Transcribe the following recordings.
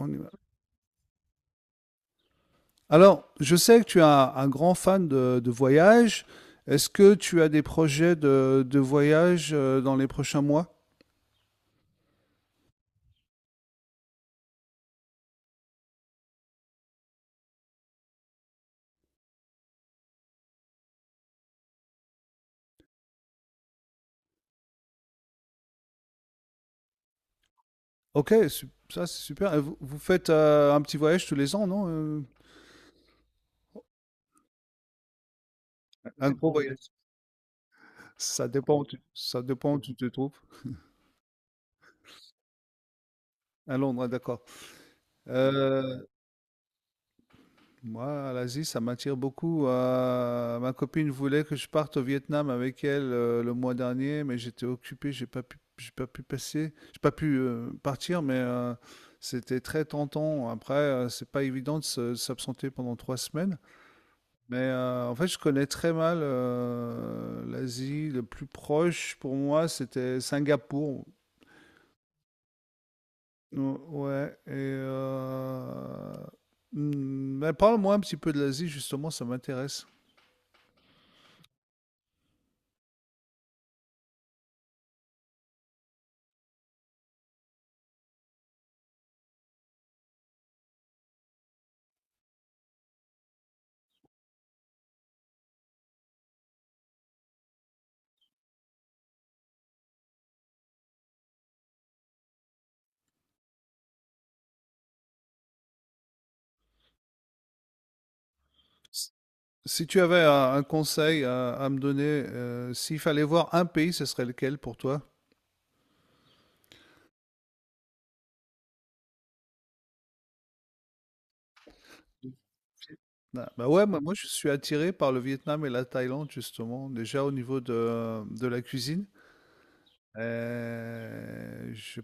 On y va. Alors, je sais que tu es un grand fan de voyage. Est-ce que tu as des projets de voyage, dans les prochains mois? Ok, ça c'est super. Et vous, vous faites un petit voyage tous les ans, non? Un gros voyage. Ça dépend où ça dépend où tu te trouves. À Londres, ah, d'accord. Euh, Moi, l'Asie, ça m'attire beaucoup. Ma copine voulait que je parte au Vietnam avec elle, le mois dernier, mais j'étais occupé, j'ai pas pu passer, j'ai pas pu partir, mais c'était très tentant. Après, c'est pas évident de de s'absenter pendant trois semaines. Mais en fait, je connais très mal, l'Asie. Le plus proche pour moi, c'était Singapour. Ouais. Et mais parle-moi un petit peu de l'Asie, justement, ça m'intéresse. Si tu avais un conseil à me donner, s'il fallait voir un pays, ce serait lequel pour toi? Ah, bah ouais, moi, je suis attiré par le Vietnam et la Thaïlande justement, déjà au niveau de la cuisine. Je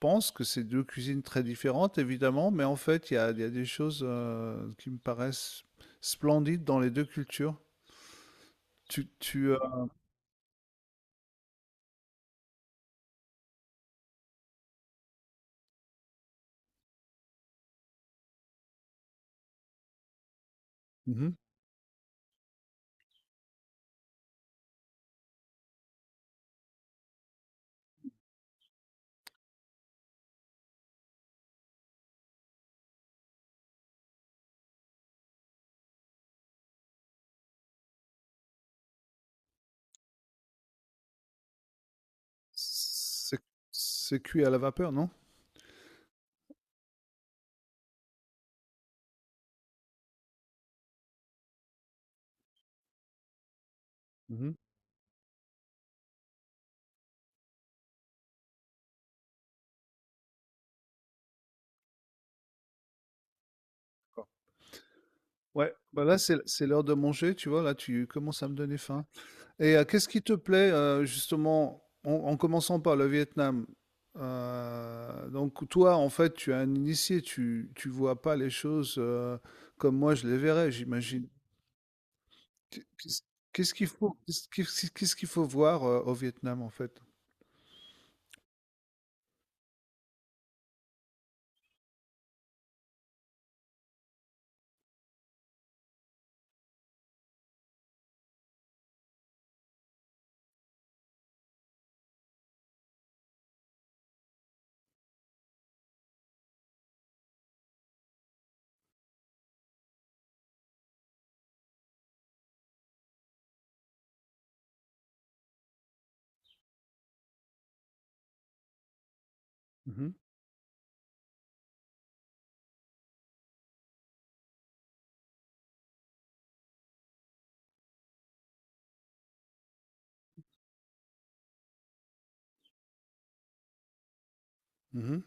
pense que c'est deux cuisines très différentes évidemment, mais en fait il y a des choses, qui me paraissent splendides dans les deux cultures. Tu, tu, euh, Mhm. C'est c'est cuit à la vapeur, non? Mhm. Ouais, bah là c'est l'heure de manger, tu vois, là tu commences à me donner faim. Et qu'est-ce qui te plaît, justement en, en commençant par le Vietnam? Donc toi en fait tu es un initié, tu vois pas les choses, comme moi je les verrais, j'imagine. Qu- Qu'est-ce Qu'est-ce qu'il faut voir, au Vietnam en fait? Mhm, mhm.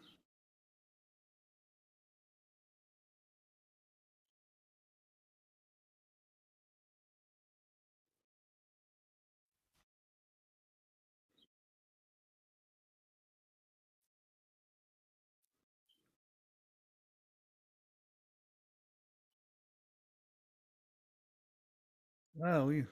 Ah oui.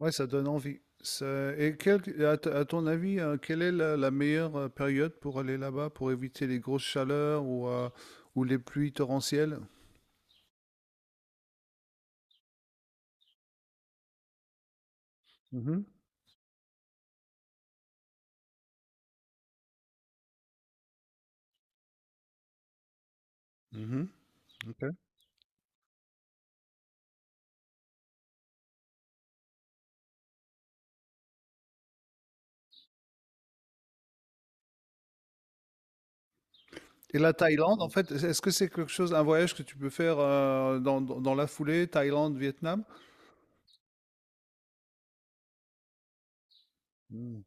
Ouais, ça donne envie. Et quel, à ton avis, quelle est la meilleure, période pour aller là-bas, pour éviter les grosses chaleurs ou les pluies torrentielles? Mhm, mhm, ok. Et la Thaïlande, en fait, est-ce que c'est quelque chose, un voyage que tu peux faire, dans la foulée, Thaïlande, Vietnam? Mm,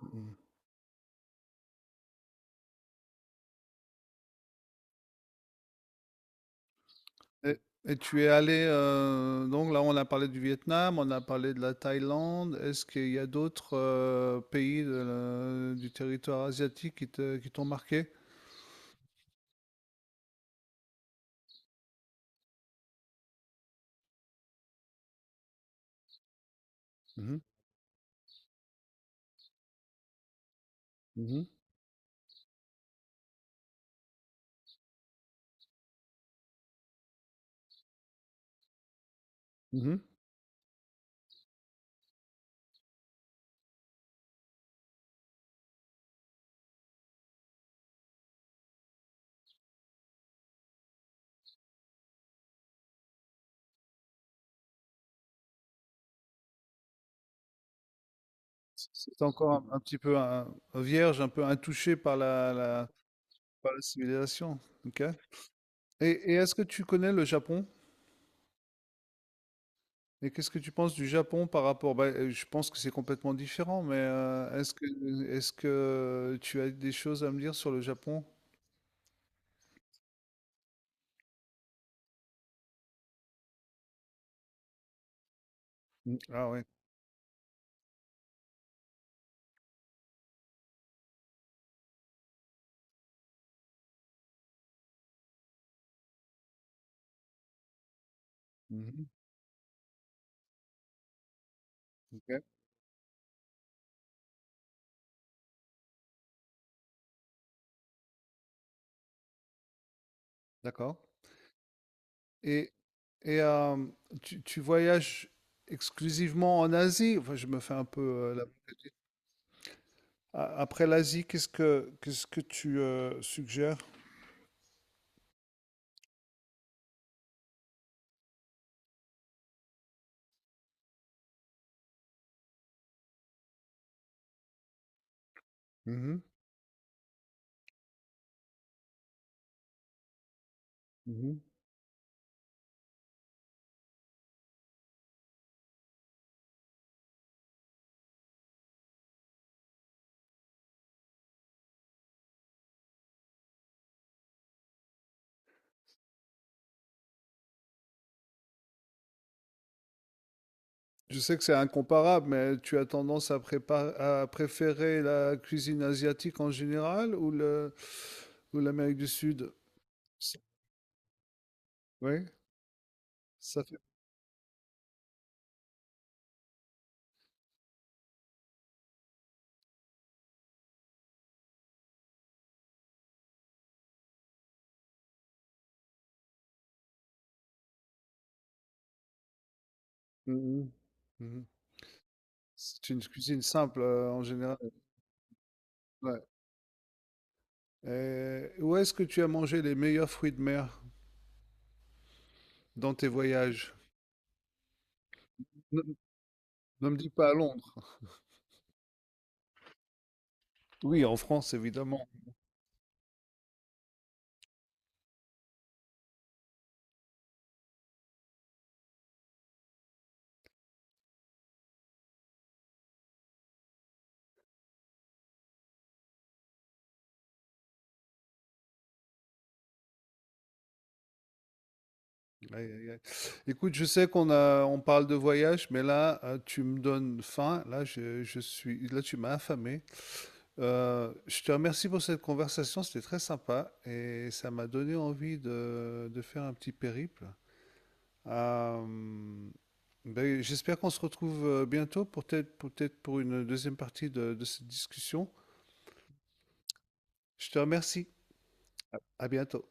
mm. Et, et tu es allé, donc là, on a parlé du Vietnam, on a parlé de la Thaïlande. Est-ce qu'il y a d'autres, pays de du territoire asiatique qui t'ont marqué? Mmh mh. Mmh mh. Mmh encore un petit peu un vierge, un peu intouché par la par la civilisation. OK. Et est-ce que tu connais le Japon? Et qu'est-ce que tu penses du Japon par rapport bah, je pense que c'est complètement différent, mais, est-ce que tu as des choses à me dire sur le Japon? Mmh. Ah ouais. Mmh OK. D'accord. Et et hem, tu tu voyages exclusivement en Asie? Enfin, je me fais un peu, euh, Après l'Asie, qu'est-ce que tu, suggères? Mhm, mhm. Je sais que c'est incomparable, mais tu as tendance à préférer la cuisine asiatique en général ou l'Amérique du Sud? S- Oui, ça fait. Mhm. Mhm. C'est une cuisine simple, en général. Ouais. Où est-ce que tu as mangé les meilleurs fruits de mer dans tes voyages? Ne, Ne me dis pas à Londres. Oui, en France, évidemment. Aïe, aïe, aïe. Écoute, je sais on parle de voyage, mais là, tu me donnes faim. Là, je suis, là, tu m'as affamé. Je te remercie pour cette conversation, c'était très sympa et ça m'a donné envie de faire un petit périple. Euh, ben, j'espère qu'on se retrouve, bientôt, pour peut-être pour une deuxième partie de cette discussion. Je te remercie. À bientôt.